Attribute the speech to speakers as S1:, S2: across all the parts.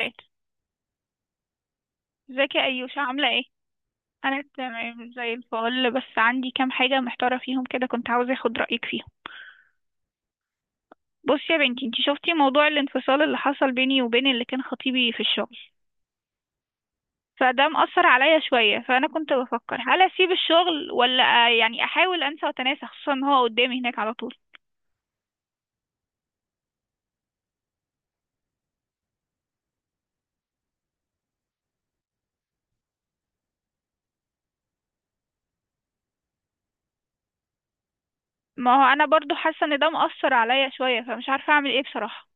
S1: ازيك، ازيك يا ايوش؟ عامله ايه؟ انا تمام زي الفل، بس عندي كام حاجه محتاره فيهم كده، كنت عاوزه اخد رايك فيهم. بصي يا بنتي، انتي شفتي موضوع الانفصال اللي حصل بيني وبين اللي كان خطيبي في الشغل. فده مأثر عليا شويه، فانا كنت بفكر هل اسيب الشغل ولا يعني احاول انسى واتناسى، خصوصا ان هو قدامي هناك على طول. ما هو انا برضو حاسه ان ده مأثر عليا شويه، فمش عارفه اعمل ايه بصراحه.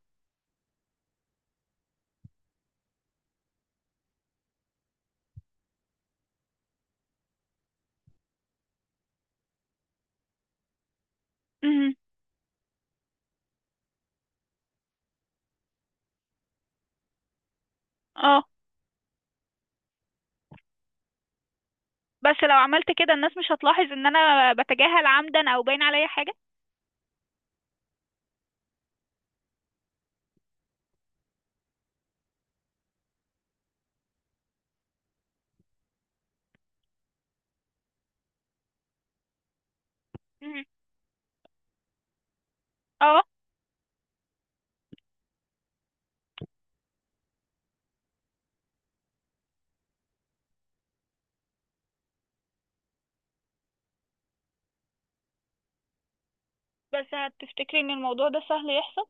S1: امم اه. بس لو عملت كده الناس مش هتلاحظ ان انا بتجاهل عمدا او باين عليا حاجه؟ مهم. اه. بس هتفتكري ان الموضوع ده سهل يحصل؟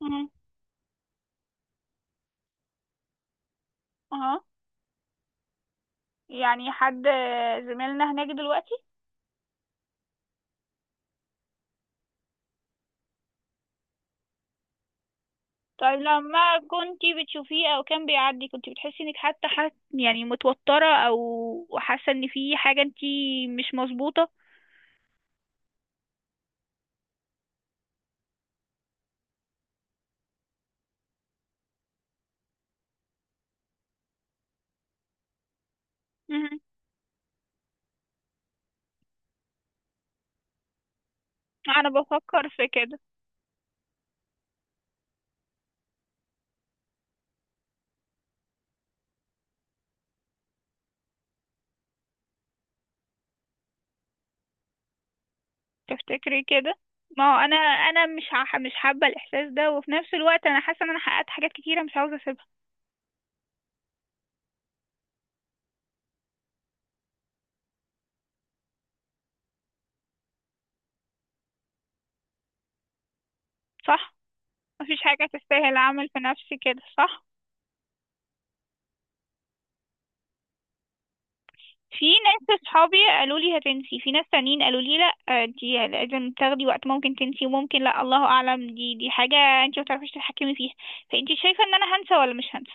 S1: مهم. اها. يعني حد زميلنا هناك دلوقتي؟ طيب لما كنتي بتشوفيه او كان بيعدي، كنتي بتحسي انك حتى يعني متوترة او حاسة ان في حاجة انتي مش مظبوطة؟ مهم. انا بفكر في كده. تفتكري كده؟ ما هو انا انا مش حابة الاحساس ده، وفي نفس الوقت انا حاسة ان انا حققت حاجات كتيرة مش عاوزة اسيبها. صح. مفيش حاجة تستاهل اعمل في نفسي كده، صح. في ناس اصحابي قالوا لي هتنسي، في ناس تانيين قالوا لي لا دي لازم تاخدي وقت، ممكن تنسي وممكن لا، الله اعلم، دي حاجه انت ما تعرفيش تتحكمي فيها. فانت شايفه ان انا هنسى ولا مش هنسى؟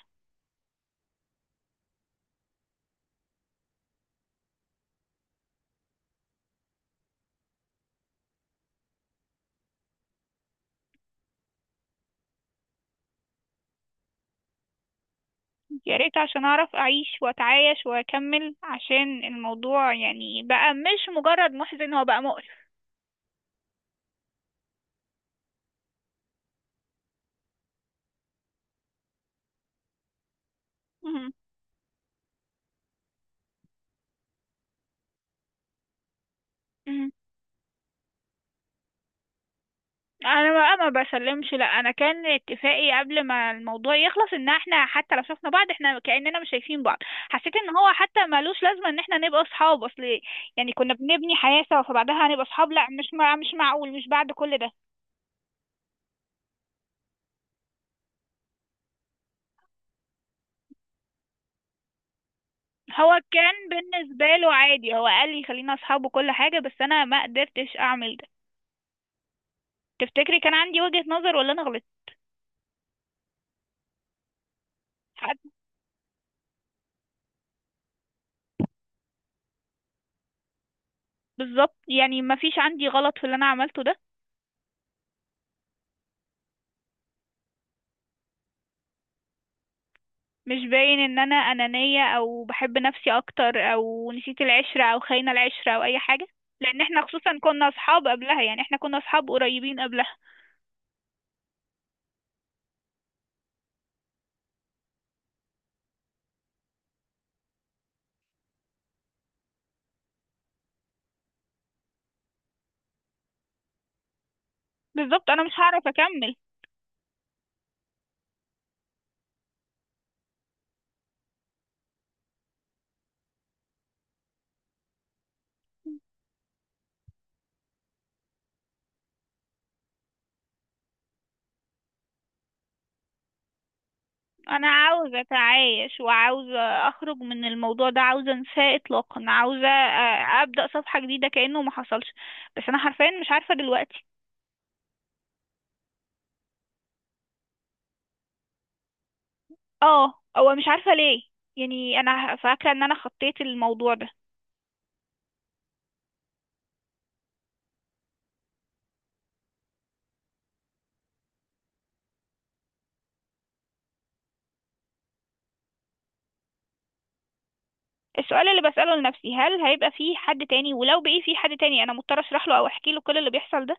S1: يا ريت، عشان اعرف اعيش واتعايش واكمل، عشان الموضوع يعني بقى مش مجرد محزن، هو بقى مقرف. مهم. انا بقى ما بسلمش، لا، انا كان اتفاقي قبل ما الموضوع يخلص ان احنا حتى لو شفنا بعض احنا كأننا مش شايفين بعض. حسيت ان هو حتى ملوش لازمه ان احنا نبقى اصحاب. اصل يعني كنا بنبني حياه سوا، فبعدها هنبقى اصحاب؟ لا، مش معقول، مش بعد كل ده. هو كان بالنسبه له عادي، هو قال لي خلينا اصحاب وكل حاجه، بس انا ما قدرتش اعمل ده. تفتكري كان عندي وجهة نظر ولا انا غلطت؟ حد- بالظبط، يعني ما فيش عندي غلط في اللي انا عملته ده. مش باين ان انا انانية او بحب نفسي اكتر او نسيت العشرة او خاينة العشرة او اي حاجة؟ لان احنا خصوصا كنا اصحاب قبلها، يعني احنا كنا اصحاب قريبين قبلها. بالظبط، انا مش هعرف اكمل. انا عاوزة اتعايش، وعاوزة اخرج من الموضوع ده، عاوزة انساه اطلاقا، عاوزة ابدأ صفحة جديدة كأنه ما حصلش. بس انا حرفيا مش عارفة دلوقتي. اه، هو مش عارفة ليه. يعني انا فاكرة ان انا خطيت الموضوع ده. السؤال اللي بسأله لنفسي، هل هيبقى في حد تاني؟ ولو بقي في حد تاني، انا مضطر اشرح له او احكي له كل اللي بيحصل ده؟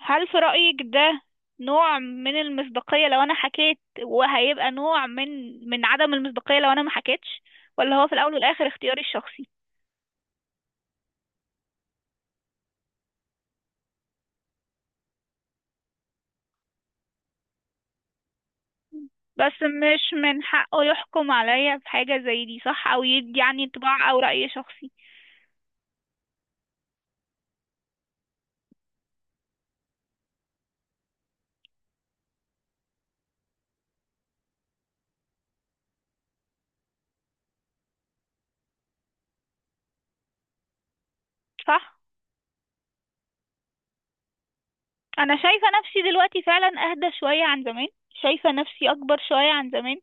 S1: هل في رأيك ده نوع من المصداقية لو انا حكيت، وهيبقى نوع من من عدم المصداقية لو انا ما حكيتش؟ ولا هو في الاول والاخر اختياري الشخصي؟ بس مش من حقه يحكم عليا بحاجة زي دي، صح، او يدي عني انطباع او رأي شخصي. صح. انا شايفه نفسي دلوقتي فعلا اهدى شويه عن زمان، شايفه نفسي اكبر شويه عن زمان.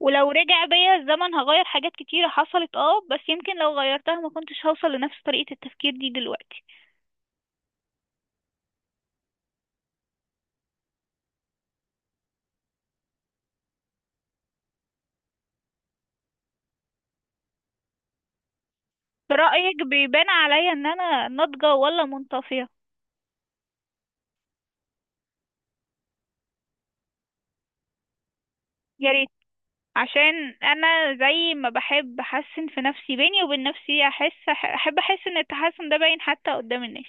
S1: ولو رجع بيا الزمن هغير حاجات كتيره حصلت، اه، بس يمكن لو غيرتها ما كنتش هوصل لنفس طريقه التفكير دي دلوقتي. برأيك بيبان عليا ان انا ناضجه ولا منطفيه؟ يا ريت، عشان انا زي ما بحب احسن في نفسي بيني وبين نفسي، احس احس ان التحسن ده باين حتى قدام الناس.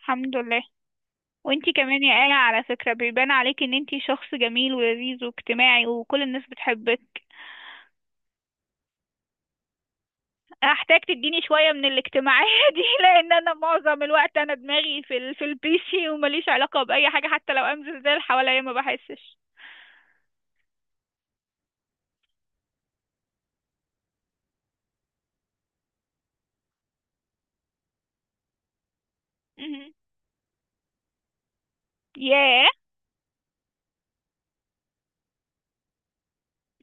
S1: الحمد لله. وانتي كمان يا آية، على فكرة، بيبان عليك ان انتي شخص جميل ولذيذ واجتماعي، وكل الناس بتحبك. هحتاج تديني شوية من الاجتماعية دي، لان انا معظم الوقت انا دماغي في ال... في البيسي، ومليش علاقة بأي حاجة، حتى لو امزل زي اللي حواليا ما بحسش. مهم. ياه.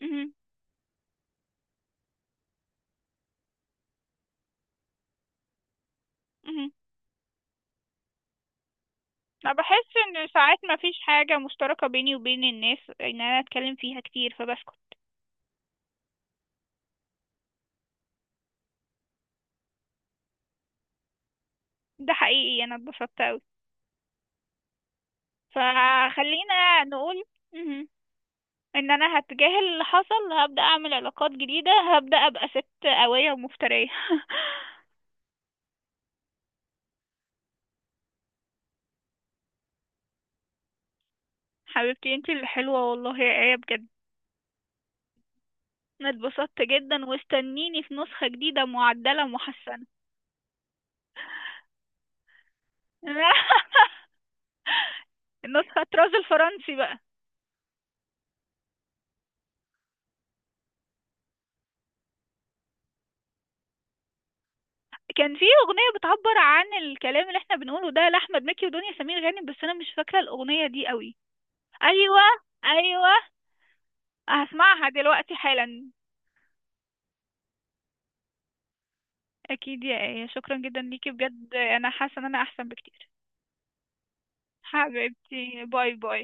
S1: مهم. مهم. انا بحس ان ساعات ما فيش حاجة مشتركة بيني وبين الناس ان انا اتكلم فيها كتير، فبسكت. ده حقيقي، انا اتبسطت اوي. فخلينا نقول ان انا هتجاهل اللي حصل، هبدأ اعمل علاقات جديدة، هبدأ ابقى ست قوية ومفترية حبيبتي انتي اللي حلوة، والله يا ايه بجد. انا اتبسطت جدا، واستنيني في نسخة جديدة معدلة محسنة النسخة طراز الفرنسي بقى. كان في اغنية بتعبر عن الكلام اللي احنا بنقوله ده لاحمد مكي ودنيا سمير غانم، بس انا مش فاكرة الاغنية دي قوي. ايوه، ايوه، هسمعها دلوقتي حالا. اكيد يا ايه، شكرا جدا ليكي بجد، انا حاسة ان انا احسن بكتير. حبيبتي باي باي.